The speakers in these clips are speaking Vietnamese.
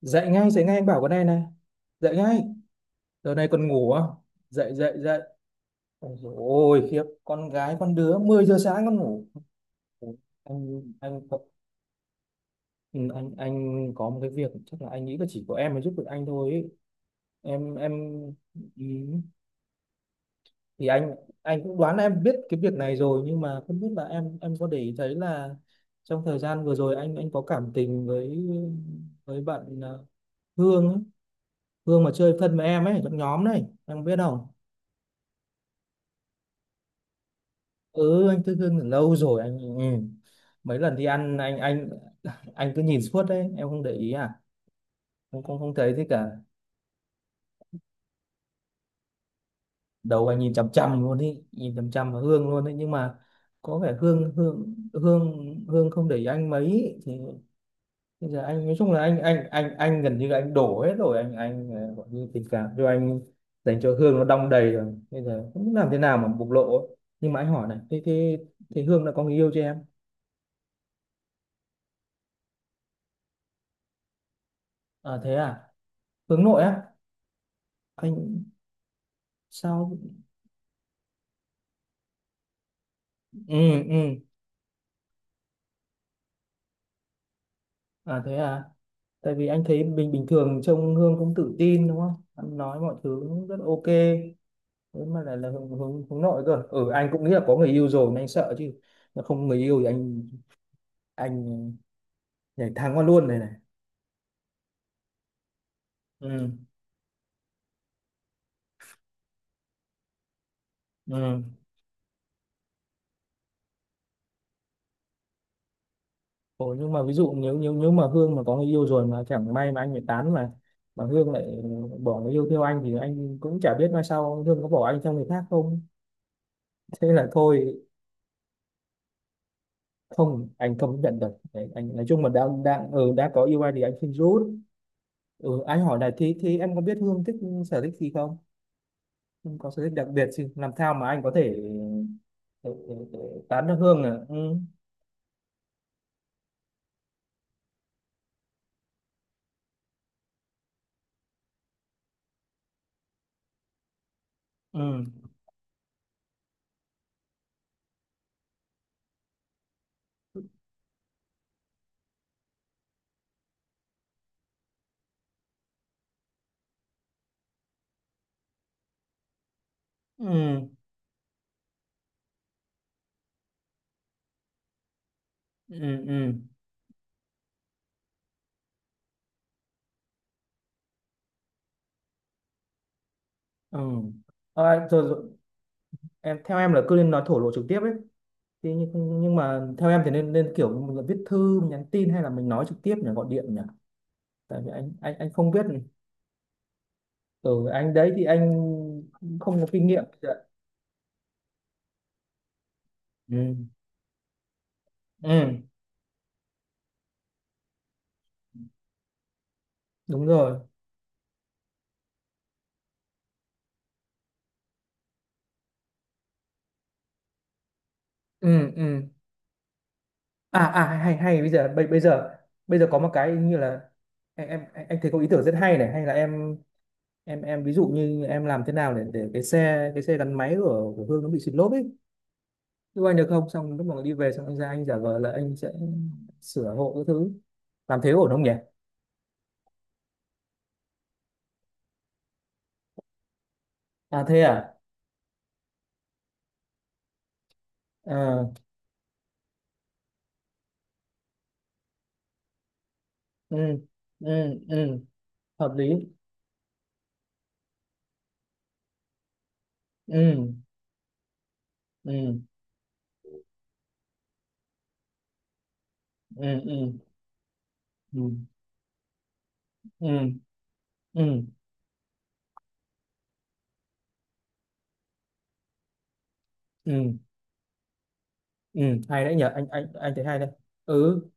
Dậy ngay, dậy ngay, anh bảo con này này, dậy ngay. Giờ này còn ngủ à? Dậy dậy dậy. Ôi dồi ôi, khiếp, con gái con đứa 10 giờ sáng con ngủ. Ủa, anh có- ừ, anh có một cái việc chắc là anh nghĩ là chỉ có em mới giúp được anh thôi ấy. Em. ừ, thì anh cũng đoán là em biết cái việc này rồi, nhưng mà không biết là em có để ý thấy là trong thời gian vừa rồi anh có cảm tình với bạn Hương ấy. Hương mà chơi thân với em ấy, trong nhóm này em biết không? Ừ, anh thức Hương từ lâu rồi anh, ừ. Mấy lần đi ăn anh anh cứ nhìn suốt đấy, em không để ý à? Không không không thấy thế cả. Đầu anh nhìn chằm chằm luôn đi, nhìn chằm chằm vào Hương luôn đấy, nhưng mà có vẻ Hương Hương Hương Hương không để ý anh mấy. Thì bây giờ anh nói chung là anh gần như là anh đổ hết rồi, anh gọi như tình cảm cho anh dành cho Hương nó đong đầy rồi, bây giờ không biết làm thế nào mà bộc lộ ấy. Nhưng mà anh hỏi này, thế thế thế Hương đã có người yêu chưa em? À thế à. Hướng nội á? Anh. Sao? Ừ. Ừ. À thế à. Tại vì anh thấy bình bình thường trông Hương cũng tự tin đúng không, anh nói mọi thứ cũng rất ok. Thế mà lại là hướng hướng hướng nội cơ. Ừ, anh cũng nghĩ là có người yêu rồi nên anh sợ chứ, mà không người yêu thì anh nhảy thang qua luôn này này. Ừ. Ừ. Ủa, nhưng mà ví dụ nếu nếu nếu mà Hương mà có người yêu rồi mà chẳng may mà anh bị tán mà Hương lại bỏ người yêu theo anh, thì anh cũng chả biết mai sau Hương có bỏ anh theo người khác không. Thế là thôi. Không, anh không nhận được. Đấy, anh nói chung mà đang đang ừ, đã có yêu ai thì anh xin rút. Ừ, anh hỏi này, thì em có biết Hương thích sở thích gì không? Hương có sở thích đặc biệt gì làm sao mà anh có thể ừ, ừ, ừ, tán được Hương? À, ừ. Ừ. Ừ. Ừ. ừ, ừ, À, rồi, rồi. Em, theo em là cứ nên nói thổ lộ trực tiếp ấy, thì nhưng mà theo em thì nên nên kiểu mình là viết thư, mình nhắn tin, hay là mình nói trực tiếp nhỉ, gọi điện nhỉ. Tại vì anh anh không biết. Ừ anh đấy, thì anh không có kinh nghiệm dạ. Ừ. Ừ. Đúng rồi. Ừ. Ừ. À hay hay bây giờ bây bây giờ, bây giờ có một cái như là em, anh thấy có ý tưởng rất hay này. Hay là em, em ví dụ như em làm thế nào để cái xe gắn máy của Hương nó bị xịt lốp ấy, giúp anh được không? Xong lúc mà đi về xong anh ra anh giả vờ là anh sẽ sửa hộ cái thứ. Làm thế ổn không nhỉ? À thế à. Ờ. Ừ. Ừ. Ừ. Hợp lý. Ừ. Ừ. Ừ. Ừ. Ừ. Ừ. Ừ. Ừ. Ừ, hay đấy nhỉ, anh anh thấy hay đấy. Ừ,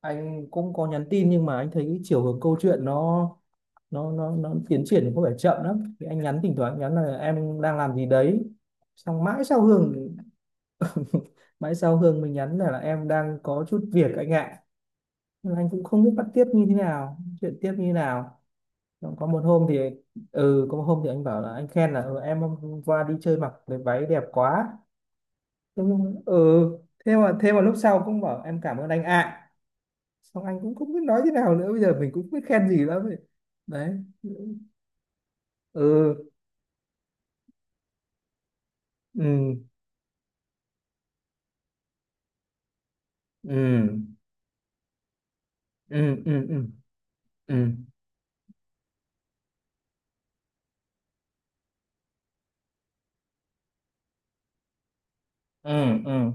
anh cũng có nhắn tin nhưng mà anh thấy cái chiều hướng câu chuyện nó nó tiến triển thì có vẻ chậm lắm, thì anh nhắn, thỉnh thoảng anh nhắn là em đang làm gì đấy, xong mãi sau Hương mãi sau Hương mình nhắn là em đang có chút việc anh ạ. Nhưng mà anh cũng không biết bắt tiếp như thế nào, chuyện tiếp như thế nào. Xong có một hôm thì ừ có một hôm thì anh bảo là, anh khen là, ừ, em hôm qua đi chơi mặc cái váy đẹp quá. Thế nhưng- ừ, thế mà, thế mà lúc sau cũng bảo em cảm ơn anh ạ. Xong anh cũng không biết nói thế nào nữa, bây giờ mình cũng không biết khen gì lắm ấy. Đấy. Ừ. Ừ. Ừ. Ừ. Ừ. Ừ. Ừ. Ừ. Ừ.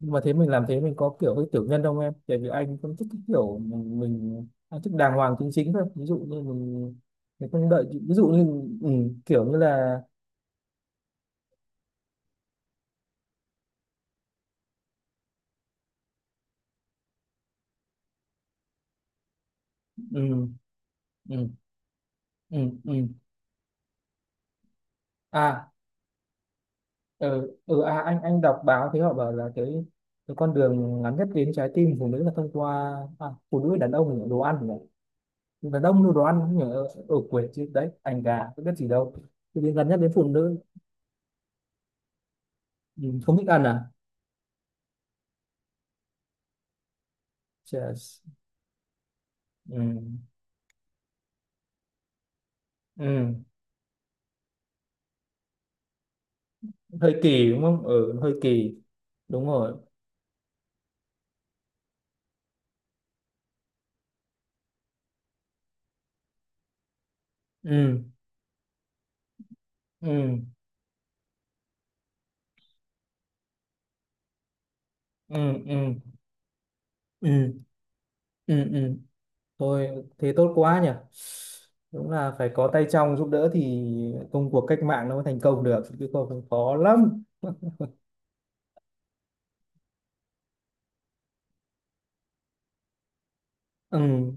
Nhưng mà thế mình làm thế mình có kiểu hơi tiểu nhân không em, tại vì anh không thích cái kiểu mình anh thích đàng hoàng chính chính thôi, ví dụ như mình không đợi, ví dụ như ừ, kiểu như là ừ, ừ, ừ, ừ, à, ừ, ừ à, anh đọc báo thì họ bảo là cái con đường ngắn nhất đến trái tim phụ nữ là thông qua à, phụ nữ, đàn ông là đồ ăn nhỉ, đàn ông là đồ ăn nhỉ. Ở, ở quê chứ đấy, anh gà có biết gì đâu, thì đến gần nhất đến phụ nữ. Ừ, không thích ăn à? Yes. Ừ. Ừ. Hơi kỳ đúng không, ừ, hơi kỳ. Đúng rồi. Ừ. Ừ. Ừ. Ừ. Ừ. Ừ. Ừ. Thôi thế tốt quá nhỉ. Đúng là phải có tay trong giúp đỡ thì công cuộc cách mạng nó mới thành công được, chứ không thì khó lắm. Ừ,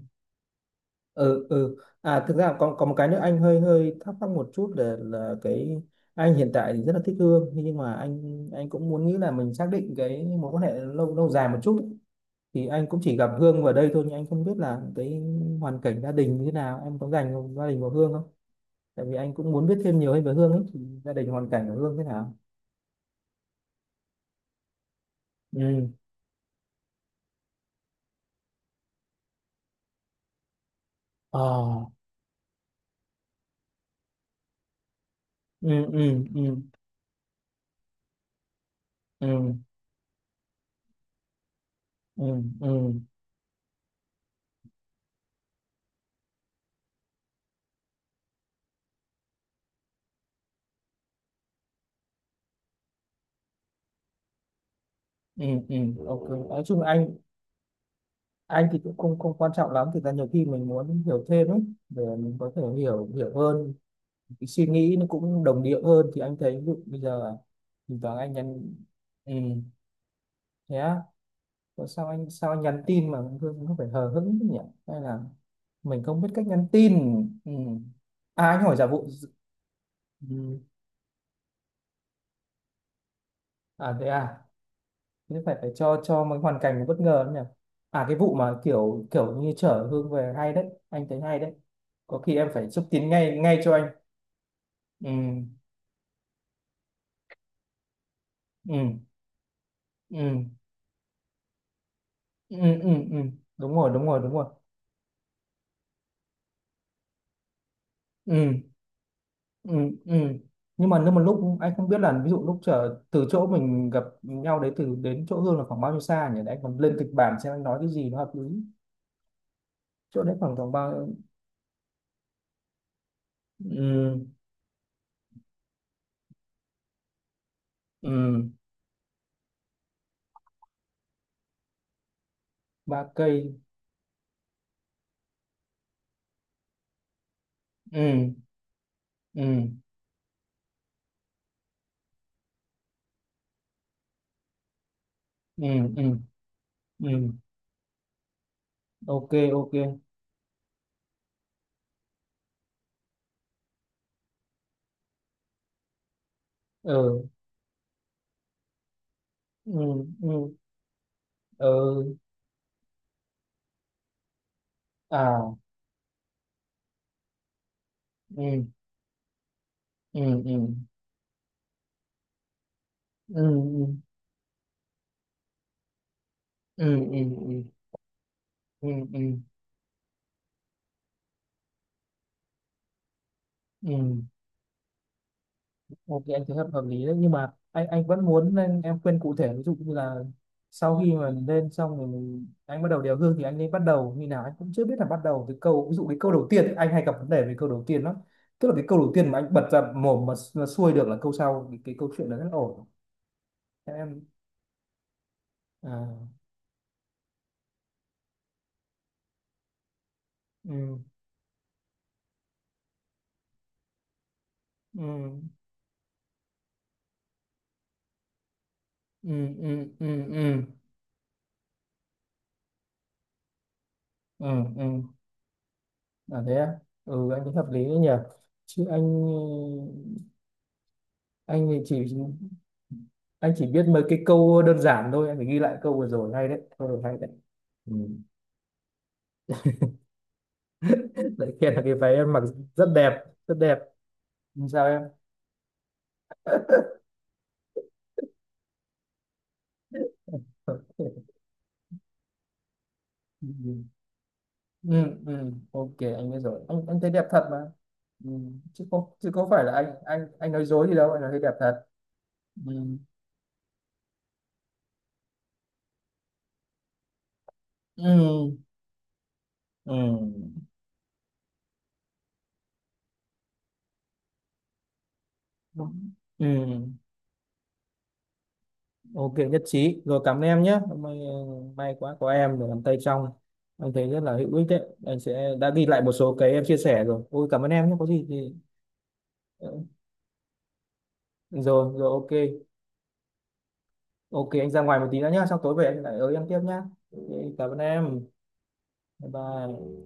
ừ, ừ. À thực ra còn có một cái nữa anh hơi hơi thắc mắc một chút là cái, anh hiện tại thì rất là thích Hương, thế nhưng mà anh cũng muốn nghĩ là mình xác định cái mối quan hệ lâu lâu dài một chút ấy. Thì anh cũng chỉ gặp Hương vào đây thôi, nhưng anh không biết là cái hoàn cảnh gia đình như thế nào, em có dành gia đình của Hương không? Tại vì anh cũng muốn biết thêm nhiều hơn về Hương ấy, thì gia đình hoàn cảnh của Hương thế nào? Ừ. Ờ. Ừ. Ừ. Ừ. Ừ. Ừ. Ừ. Ừ. Ừ. Ok, nói chung anh thì cũng không không quan trọng lắm, thực ra nhiều khi mình muốn hiểu thêm ấy, để mình có thể hiểu hiểu hơn cái suy nghĩ nó cũng đồng điệu hơn, thì anh thấy ví dụ bây giờ thỉnh thoảng anh nhắn. Ừ. Thế á? Rồi sao anh, sao nhắn tin mà Hương không phải hờ hững thế nhỉ, hay là mình không biết cách nhắn tin. Ừ. À anh hỏi giả vụ. Ừ. À thế à. Nhưng phải phải cho mấy hoàn cảnh nó bất ngờ lắm nhỉ. À, cái vụ mà kiểu kiểu như chở Hương về hay đấy, anh thấy hay đấy. Có khi em phải xúc tiến ngay ngay cho anh. Ừ. Ừ. Ừ. Ừ. Ừ. Ừ. Đúng rồi, đúng rồi, đúng rồi. Ừ. Ừ. Ừ. Nhưng mà nếu mà lúc anh không biết là, ví dụ lúc chở từ chỗ mình gặp nhau đấy, từ đến chỗ Hương là khoảng bao nhiêu xa nhỉ, để anh còn lên kịch bản xem anh nói cái gì nó hợp lý. Chỗ đấy khoảng tầm bao. Ừ. Ừ. 3 cây. Ừ. Ừ. Ừ. Ừ. Ừ. Ok. Ok. Ừ. Ừ. Ừ. Ừ. À. Ừ. Ừ. Ừ. Ừ. Ừ. Ừ. Ừ. Ừ. Ừ. Ừ. Ừ. Ok anh thấy hợp hợp lý đấy, nhưng mà anh vẫn muốn nên em khuyên cụ thể, ví dụ như là sau khi mà mình lên xong rồi, mình, anh bắt đầu đeo gương thì anh nên bắt đầu như nào, anh cũng chưa biết là bắt đầu từ câu, ví dụ cái câu đầu tiên ấy, anh hay gặp vấn đề về câu đầu tiên lắm. Tức là cái câu đầu tiên mà anh bật ra mồm mà xuôi được là câu sau thì cái câu chuyện đó rất là ổn. Thế em. À. Ừ. Ừ. Ừ. Ừ. Ừ. Ừ. Ừ. Ừ. Là thế à? Ừ anh thấy hợp lý đấy nhỉ. Chứ anh thì chỉ, anh chỉ biết mấy cái câu đơn giản thôi, anh phải ghi lại câu vừa rồi hay đấy, câu rồi hay đấy. Ừ. Đấy kia là cái váy em mặc rất đẹp, rất đẹp, làm sao em. Ừ. Ừ. Ừ. Ok anh biết rồi, anh thấy đẹp thật mà. Ừ. Chứ có, chứ có phải là anh anh nói dối gì đâu, anh nói thấy đẹp thật. Ừ. Ừ. Ừ. Ừ. Ok nhất trí rồi, cảm ơn em nhé. May, may quá có em để làm tay trong, anh thấy rất là hữu ích đấy, anh sẽ đã ghi lại một số cái em chia sẻ rồi, ôi cảm ơn em nhé, có gì thì ờ, rồi rồi ok. Ok anh ra ngoài một tí nữa nhá, sau tối về anh lại ở em tiếp nhá. Ok, cảm ơn em. Bye bye.